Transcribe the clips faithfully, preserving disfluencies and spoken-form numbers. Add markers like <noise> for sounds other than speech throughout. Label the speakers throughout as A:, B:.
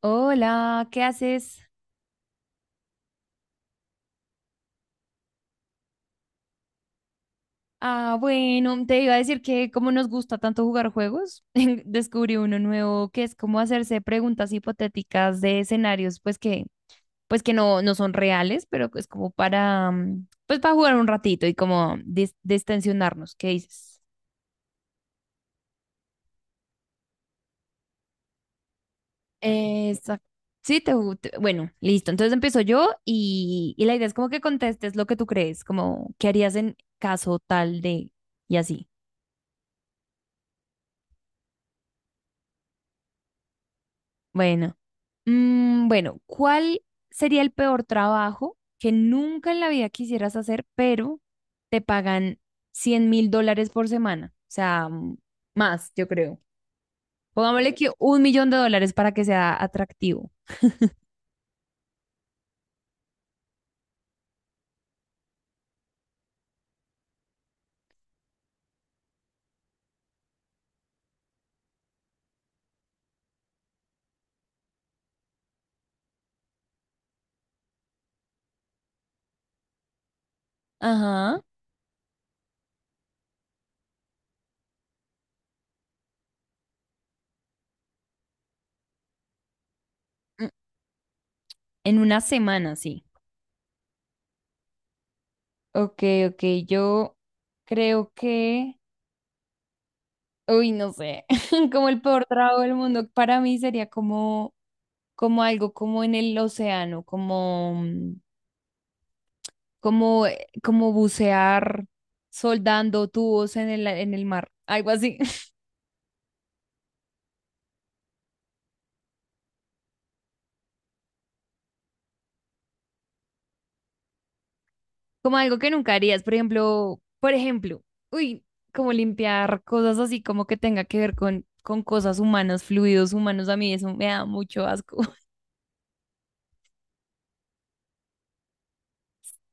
A: Hola, ¿qué haces? Ah, bueno, te iba a decir que como nos gusta tanto jugar juegos, <laughs> descubrí uno nuevo que es como hacerse preguntas hipotéticas de escenarios, pues que, pues que no, no son reales, pero es como para, mm, pues para jugar un ratito y como dis- distensionarnos. ¿Qué dices? Exacto. Sí, te, gu- te- bueno, listo. Entonces empiezo yo y, y la idea es como que contestes lo que tú crees, como qué harías en caso tal de y así. Bueno, mm, bueno, ¿cuál sería el peor trabajo que nunca en la vida quisieras hacer, pero te pagan cien mil dólares por semana? O sea, mm, más, yo creo. Pongámosle que un millón de dólares para que sea atractivo. Ajá. Mm, En una semana, sí. Ok, ok, yo creo que... Uy, no sé, <laughs> como el peor trago del mundo, para mí sería como, como algo como en el océano, como, mm, como, eh, como bucear soldando tubos en el, en el mar, algo así, <laughs> como algo que nunca harías, por ejemplo, por ejemplo, uy, como limpiar cosas así como que tenga que ver con, con cosas humanas, fluidos humanos, a mí eso me da mucho asco.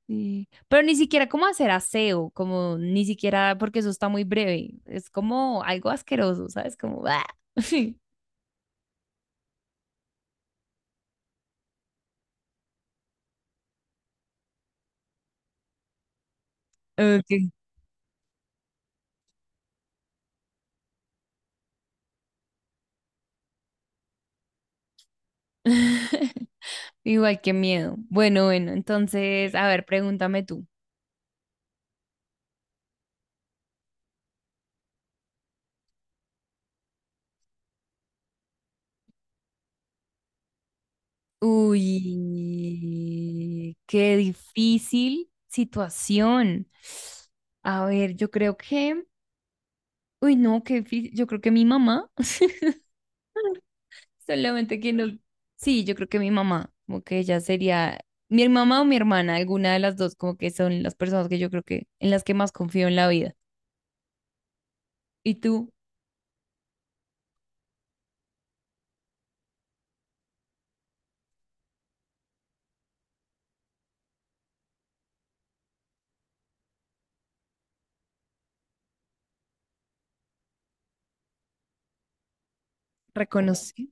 A: Sí. Pero ni siquiera como hacer aseo, como ni siquiera porque eso está muy breve. Es como algo asqueroso, ¿sabes? Como... ¡ah! <laughs> Ok. <laughs> Igual que miedo. Bueno, bueno, entonces, a ver, pregúntame tú. Uy, qué difícil situación. A ver, yo creo que, uy, no, qué difícil. Yo creo que mi mamá. <laughs> Solamente que no. Sí, yo creo que mi mamá, como que ella sería mi mamá o mi hermana, alguna de las dos, como que son las personas que yo creo que en las que más confío en la vida. ¿Y tú reconocí?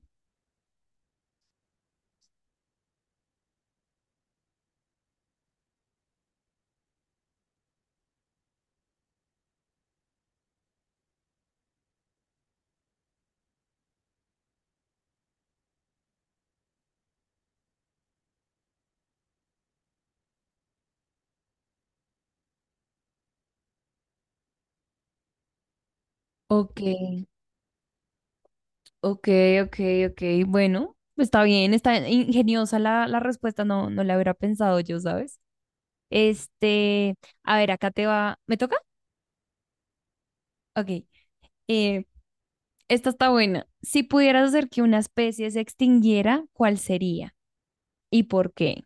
A: Ok, ok, ok, ok. Bueno, está bien, está ingeniosa la, la respuesta, no, no la hubiera pensado yo, ¿sabes? Este, a ver, acá te va. ¿Me toca? Ok. Eh, esta está buena. Si pudieras hacer que una especie se extinguiera, ¿cuál sería? ¿Y por qué?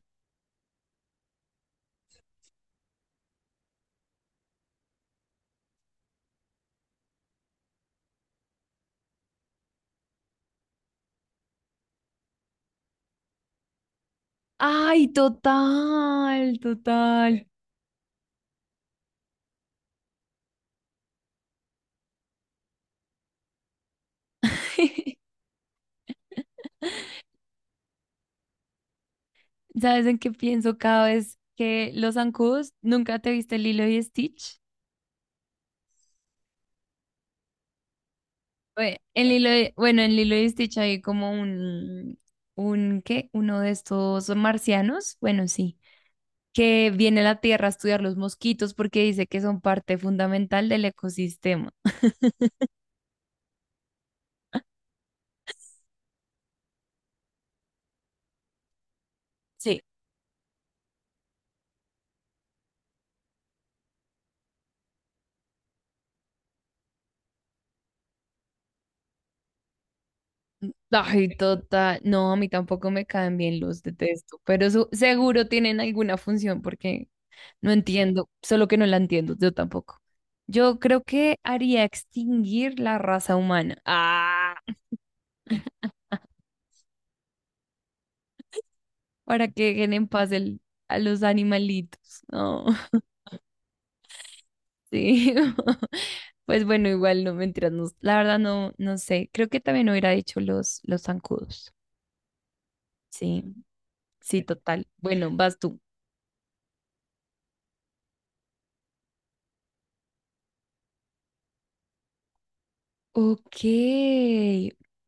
A: Ay, total, total. <laughs> ¿Sabes en qué pienso cada vez que los zancudos? ¿Nunca te viste Lilo y Stitch? Bue- En Lilo y- bueno, en Lilo y Stitch hay como un, un, ¿qué? Uno de estos marcianos, bueno, sí, que viene a la Tierra a estudiar los mosquitos porque dice que son parte fundamental del ecosistema. Sí. Ay, total. No, a mí tampoco me caen bien, los detesto, pero su- seguro tienen alguna función porque no entiendo, solo que no la entiendo, yo tampoco. Yo creo que haría extinguir la raza humana. Ah, para que dejen en paz el- a los animalitos. No, <laughs> sí. <laughs> Pues bueno, igual no mentiras, no- la verdad no, no sé. Creo que también hubiera dicho los, los zancudos. Sí, sí, total. Bueno, vas tú. Ok.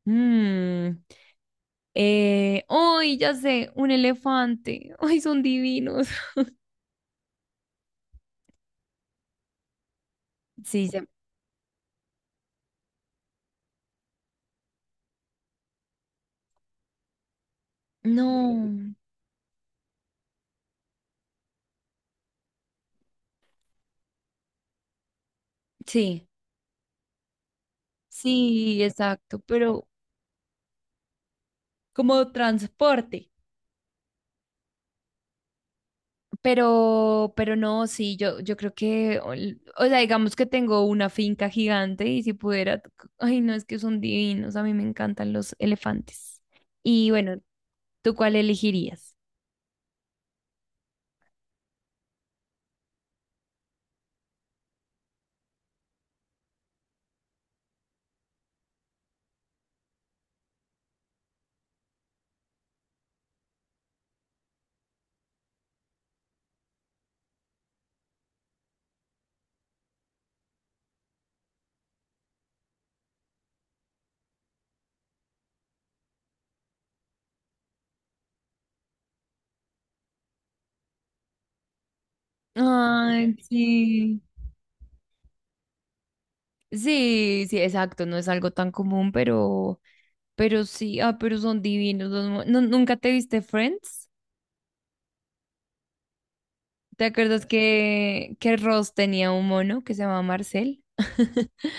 A: Mm. Eh, ¡ay, ya sé! Un elefante. <laughs> ¡Ay, son divinos! <laughs> Sí, ya. No. Sí, sí, exacto, pero como transporte. Pero, pero no, sí, yo, yo creo que, ol- o sea, digamos que tengo una finca gigante y si pudiera, t- ay, no, es que son divinos, a mí me encantan los elefantes. Y bueno, ¿tú cuál elegirías? Ay, sí. Sí, sí, exacto, no es algo tan común, pero, pero, sí, ah, pero son divinos. los mo- ¿Nu- ¿Nunca te viste Friends? ¿Te acuerdas que, que Ross tenía un mono que se llamaba Marcel? <laughs>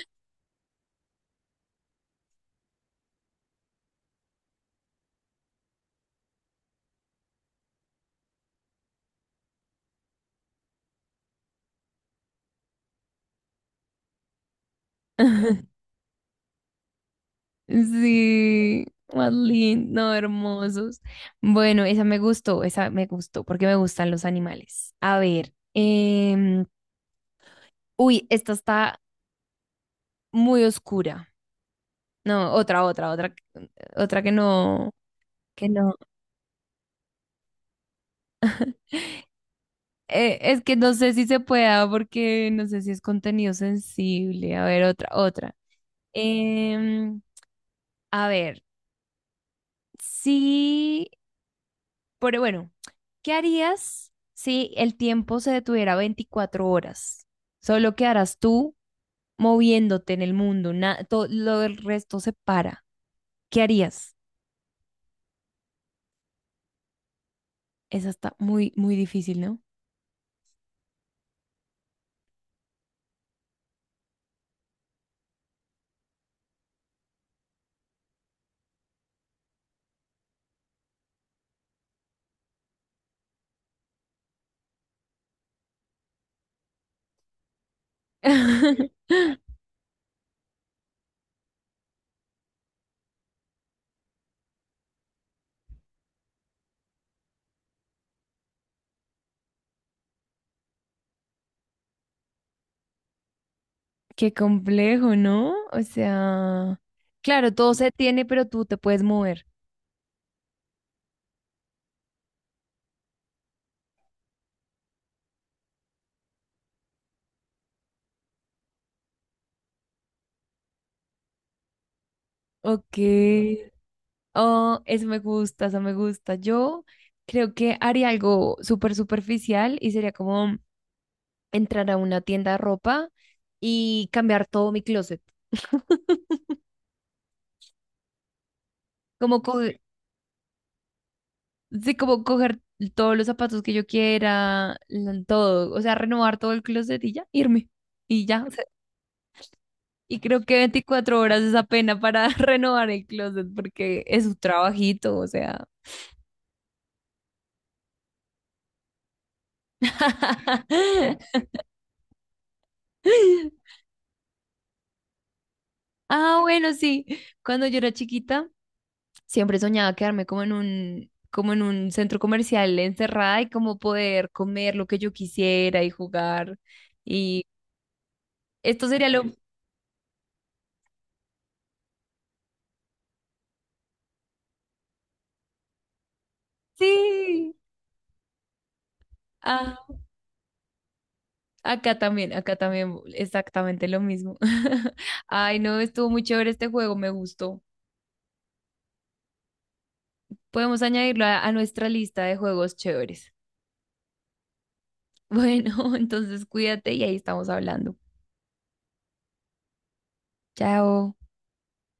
A: Sí, más lindo, hermosos. Bueno, esa me gustó, esa me gustó, porque me gustan los animales. A ver, em, uy, esta está muy oscura. No, otra, otra, otra, otra que no, que no. Eh, es que no sé si se pueda, porque no sé si es contenido sensible. A ver, otra, otra. Em, a ver, sí. Pero bueno, ¿qué harías si el tiempo se detuviera veinticuatro horas? Solo quedarás tú moviéndote en el mundo, na- todo lo del resto se para. ¿Qué harías? Esa está muy, muy difícil, ¿no? <laughs> Qué complejo, ¿no? O sea, claro, todo se tiene, pero tú te puedes mover. Ok. Oh, eso me gusta, eso me gusta. Yo creo que haría algo súper superficial y sería como entrar a una tienda de ropa y cambiar todo mi closet. <laughs> Como coger, sí, como coger todos los zapatos que yo quiera, l- todo, o sea, renovar todo el closet y ya, irme. Y ya, o sea, y creo que veinticuatro horas es apenas para <laughs> renovar el closet porque es un trabajito, o sea. <laughs> Ah, bueno, sí. Cuando yo era chiquita, Siempre soñaba quedarme como en un, como en un centro comercial encerrada y como poder comer lo que yo quisiera y jugar. Y esto sería lo... Sí, ah, acá también, acá también, exactamente lo mismo. <laughs> Ay, no, estuvo muy chévere este juego, me gustó. Podemos añadirlo a, a nuestra lista de juegos chéveres. Bueno, <laughs> entonces cuídate y ahí estamos hablando. Chao.